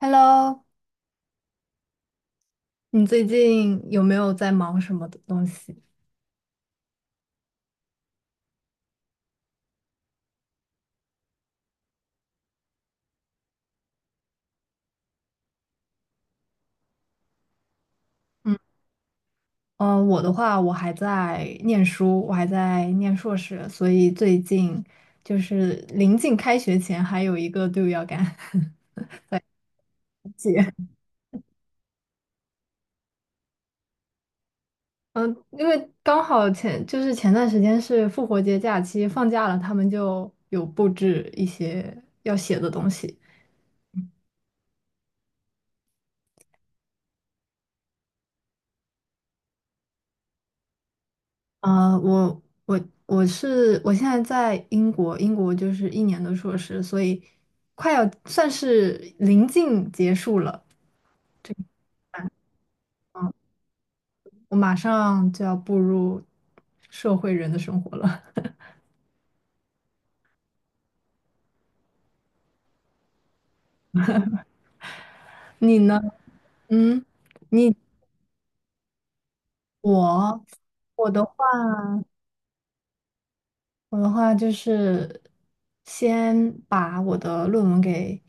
Hello，你最近有没有在忙什么的东西？嗯，我的话，我还在念书，我还在念硕士，所以最近就是临近开学前还有一个队伍要赶。嗯，因为刚好前就是前段时间是复活节假期放假了，他们就有布置一些要写的东西。啊，我我是我现在在英国，英国就是1年的硕士，所以快要算是临近结束了。嗯，我马上就要步入社会人的生活了。你呢？嗯，你我我的话。我的话就是先把我的论文给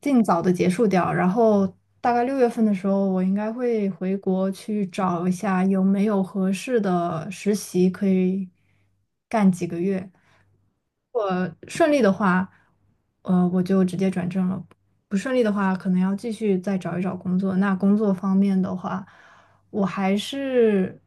尽早的结束掉，然后大概6月份的时候，我应该会回国去找一下有没有合适的实习可以干几个月。我顺利的话，我就直接转正了；不顺利的话，可能要继续再找一找工作。那工作方面的话，我还是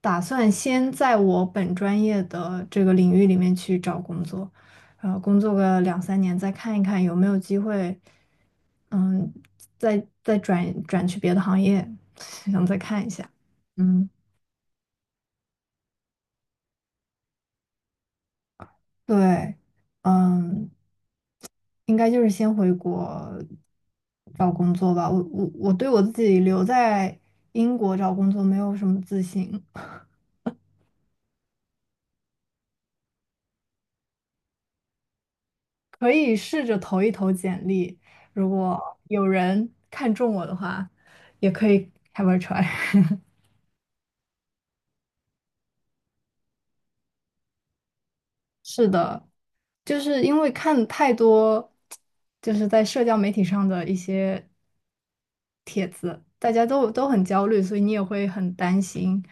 打算先在我本专业的这个领域里面去找工作，呃，工作个2、3年，再看一看有没有机会，嗯，再转转去别的行业，想再看一下。嗯，对，嗯，应该就是先回国找工作吧。我我对我自己留在英国找工作没有什么自信，可以试着投一投简历，如果有人看中我的话，也可以 have a try。是的，就是因为看太多，就是在社交媒体上的一些，大家都很焦虑，所以你也会很担心，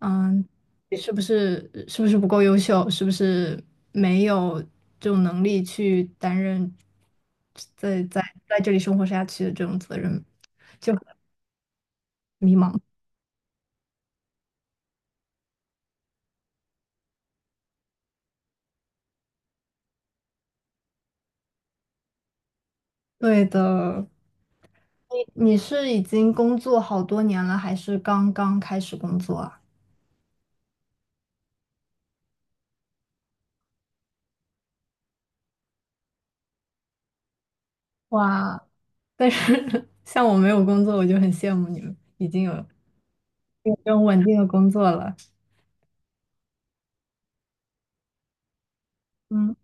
嗯，你是不是不够优秀，是不是没有这种能力去担任在在在这里生活下去的这种责任，迷茫。对的，你是已经工作好多年了，还是刚刚开始工作啊？哇，但是 像我没有工作，我就很羡慕你们已经有这种稳定的工作了。嗯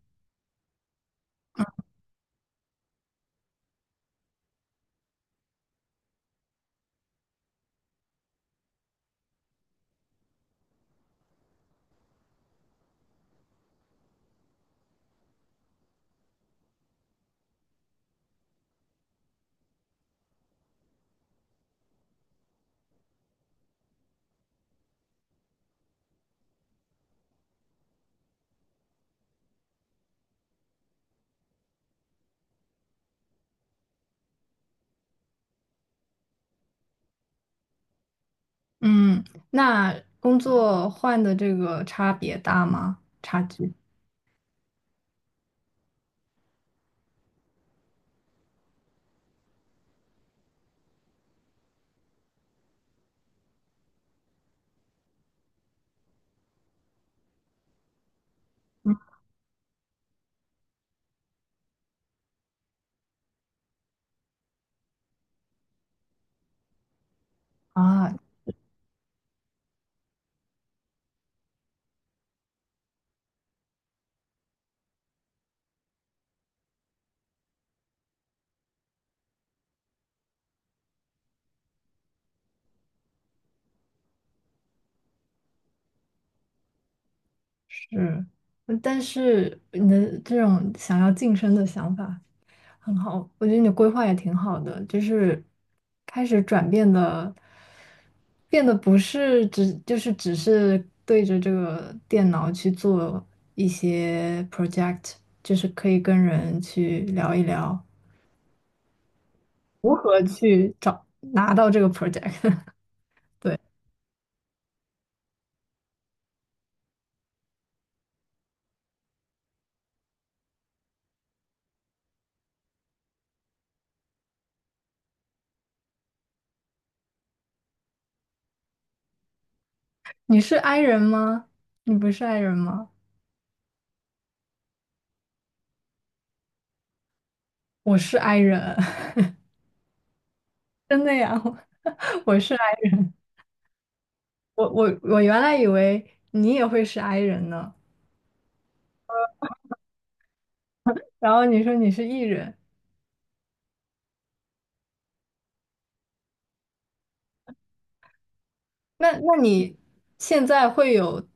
嗯，那工作换的这个差别大吗？差距啊，是，嗯但是你的这种想要晋升的想法。很好，我觉得你规划也挺好的，就是开始转变的，变得不是只就是只是对着这个电脑去做一些 project，就是可以跟人去聊一聊如何去找拿到这个 project。对，你是 i 人吗？你不是 i 人吗？我是 i 人，真的呀，我是 i，我我原来以为你也会是 i 人呢，然后你说你是 e 人。那那你现在会有，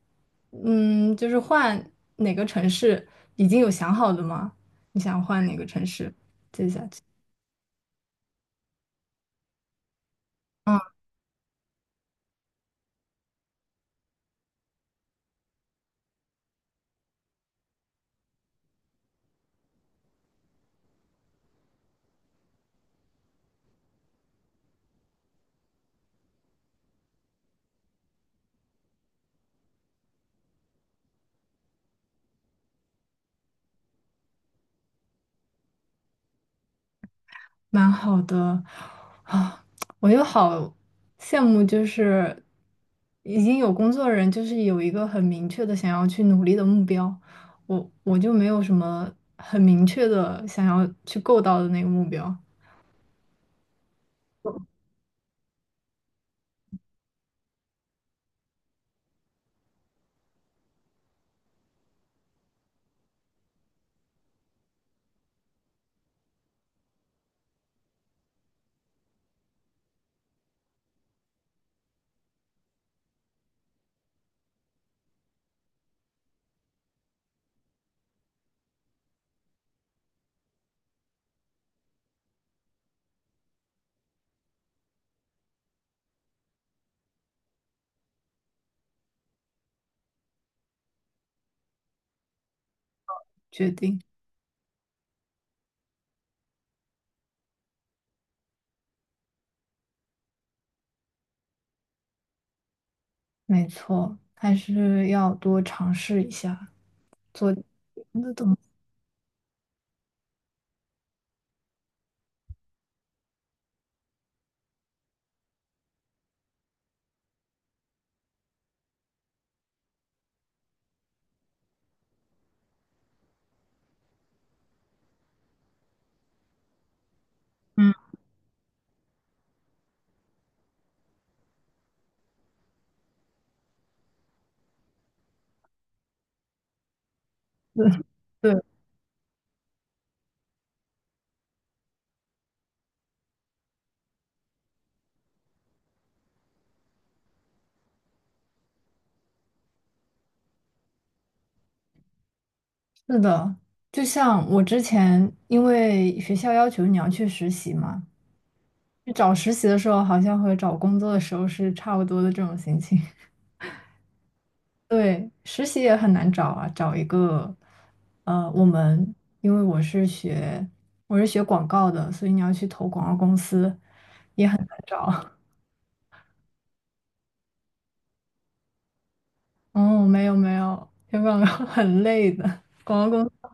嗯，就是换哪个城市已经有想好的吗？你想换哪个城市接下去？嗯，蛮好的啊，我又好羡慕，就是已经有工作的人，就是有一个很明确的想要去努力的目标，我就没有什么很明确的想要去够到的那个目标决定。没错，还是要多尝试一下。所那怎么是？对，是的，就像我之前，因为学校要求你要去实习嘛，去找实习的时候，好像和找工作的时候是差不多的这种心情。对，实习也很难找啊，找一个，呃，我们因为我是学广告的，所以你要去投广告公司找。哦，没有没有，学广告 很累的，广告公司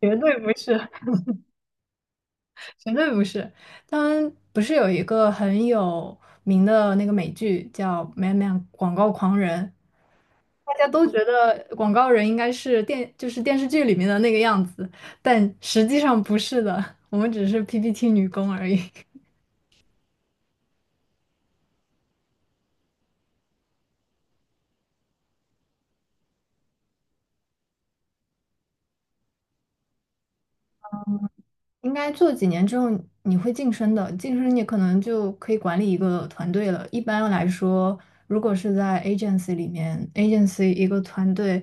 绝对不是。绝对不是。当然，不是有一个很有名的那个美剧叫《Man Man》广告狂人》，大家都觉得广告人应该是电，就是电视剧里面的那个样子，但实际上不是的，我们只是 PPT 女工而已。应该做几年之后你会晋升的，晋升你可能就可以管理一个团队了。一般来说，如果是在 agency 里面，agency 一个团队，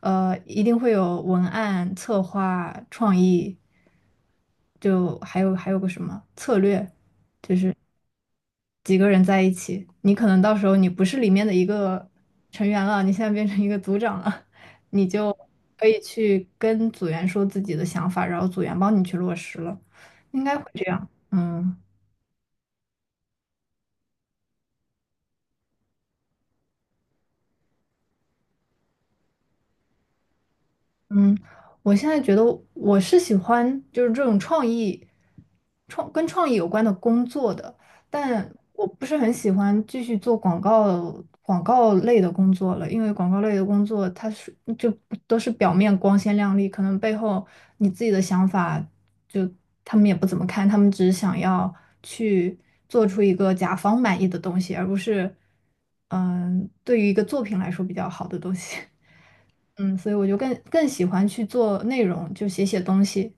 呃，一定会有文案、策划、创意，就还有个什么策略，几个人在一起，你可能到时候你不是里面的一个成员了，你现在变成一个组长了，你就可以去跟组员说自己的想法，然后组员帮你去落实了，应该会这样。嗯。嗯，我现在觉得我是喜欢就是这种创意，跟创意有关的工作的，但我不是很喜欢继续做广告类的工作了，因为广告类的工作它是就都是表面光鲜亮丽，可能背后你自己的想法就他们也不怎么看，他们只是想要去做出一个甲方满意的东西，而不是嗯对于一个作品来说比较好的东西。嗯，所以我就更喜欢去做内容，就写写东西，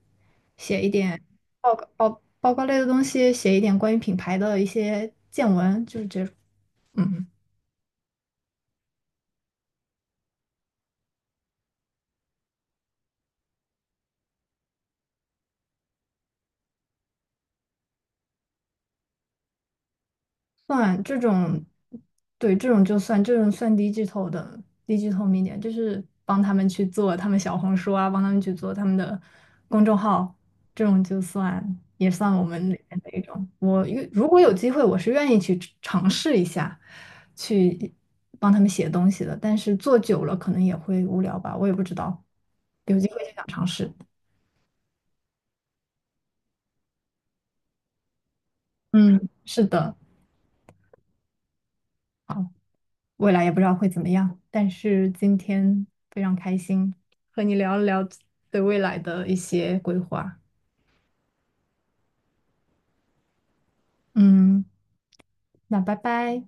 写一点报告类的东西，写一点关于品牌的一些见闻，就是这种。嗯。算这种，对，这种就算这种算低 i g 的低 i g i t 就是帮他们去做他们小红书啊，帮他们去做他们的公众号，这种就算也算我们里面的一种。如果有机会，我是愿意去尝试一下，去帮他们写东西的。但是做久了可能也会无聊吧，我也不知道，有机会就想尝试。嗯，是的。未来也不知道会怎么样，但是今天非常开心和你聊了聊对未来的一些规划。嗯，那拜拜。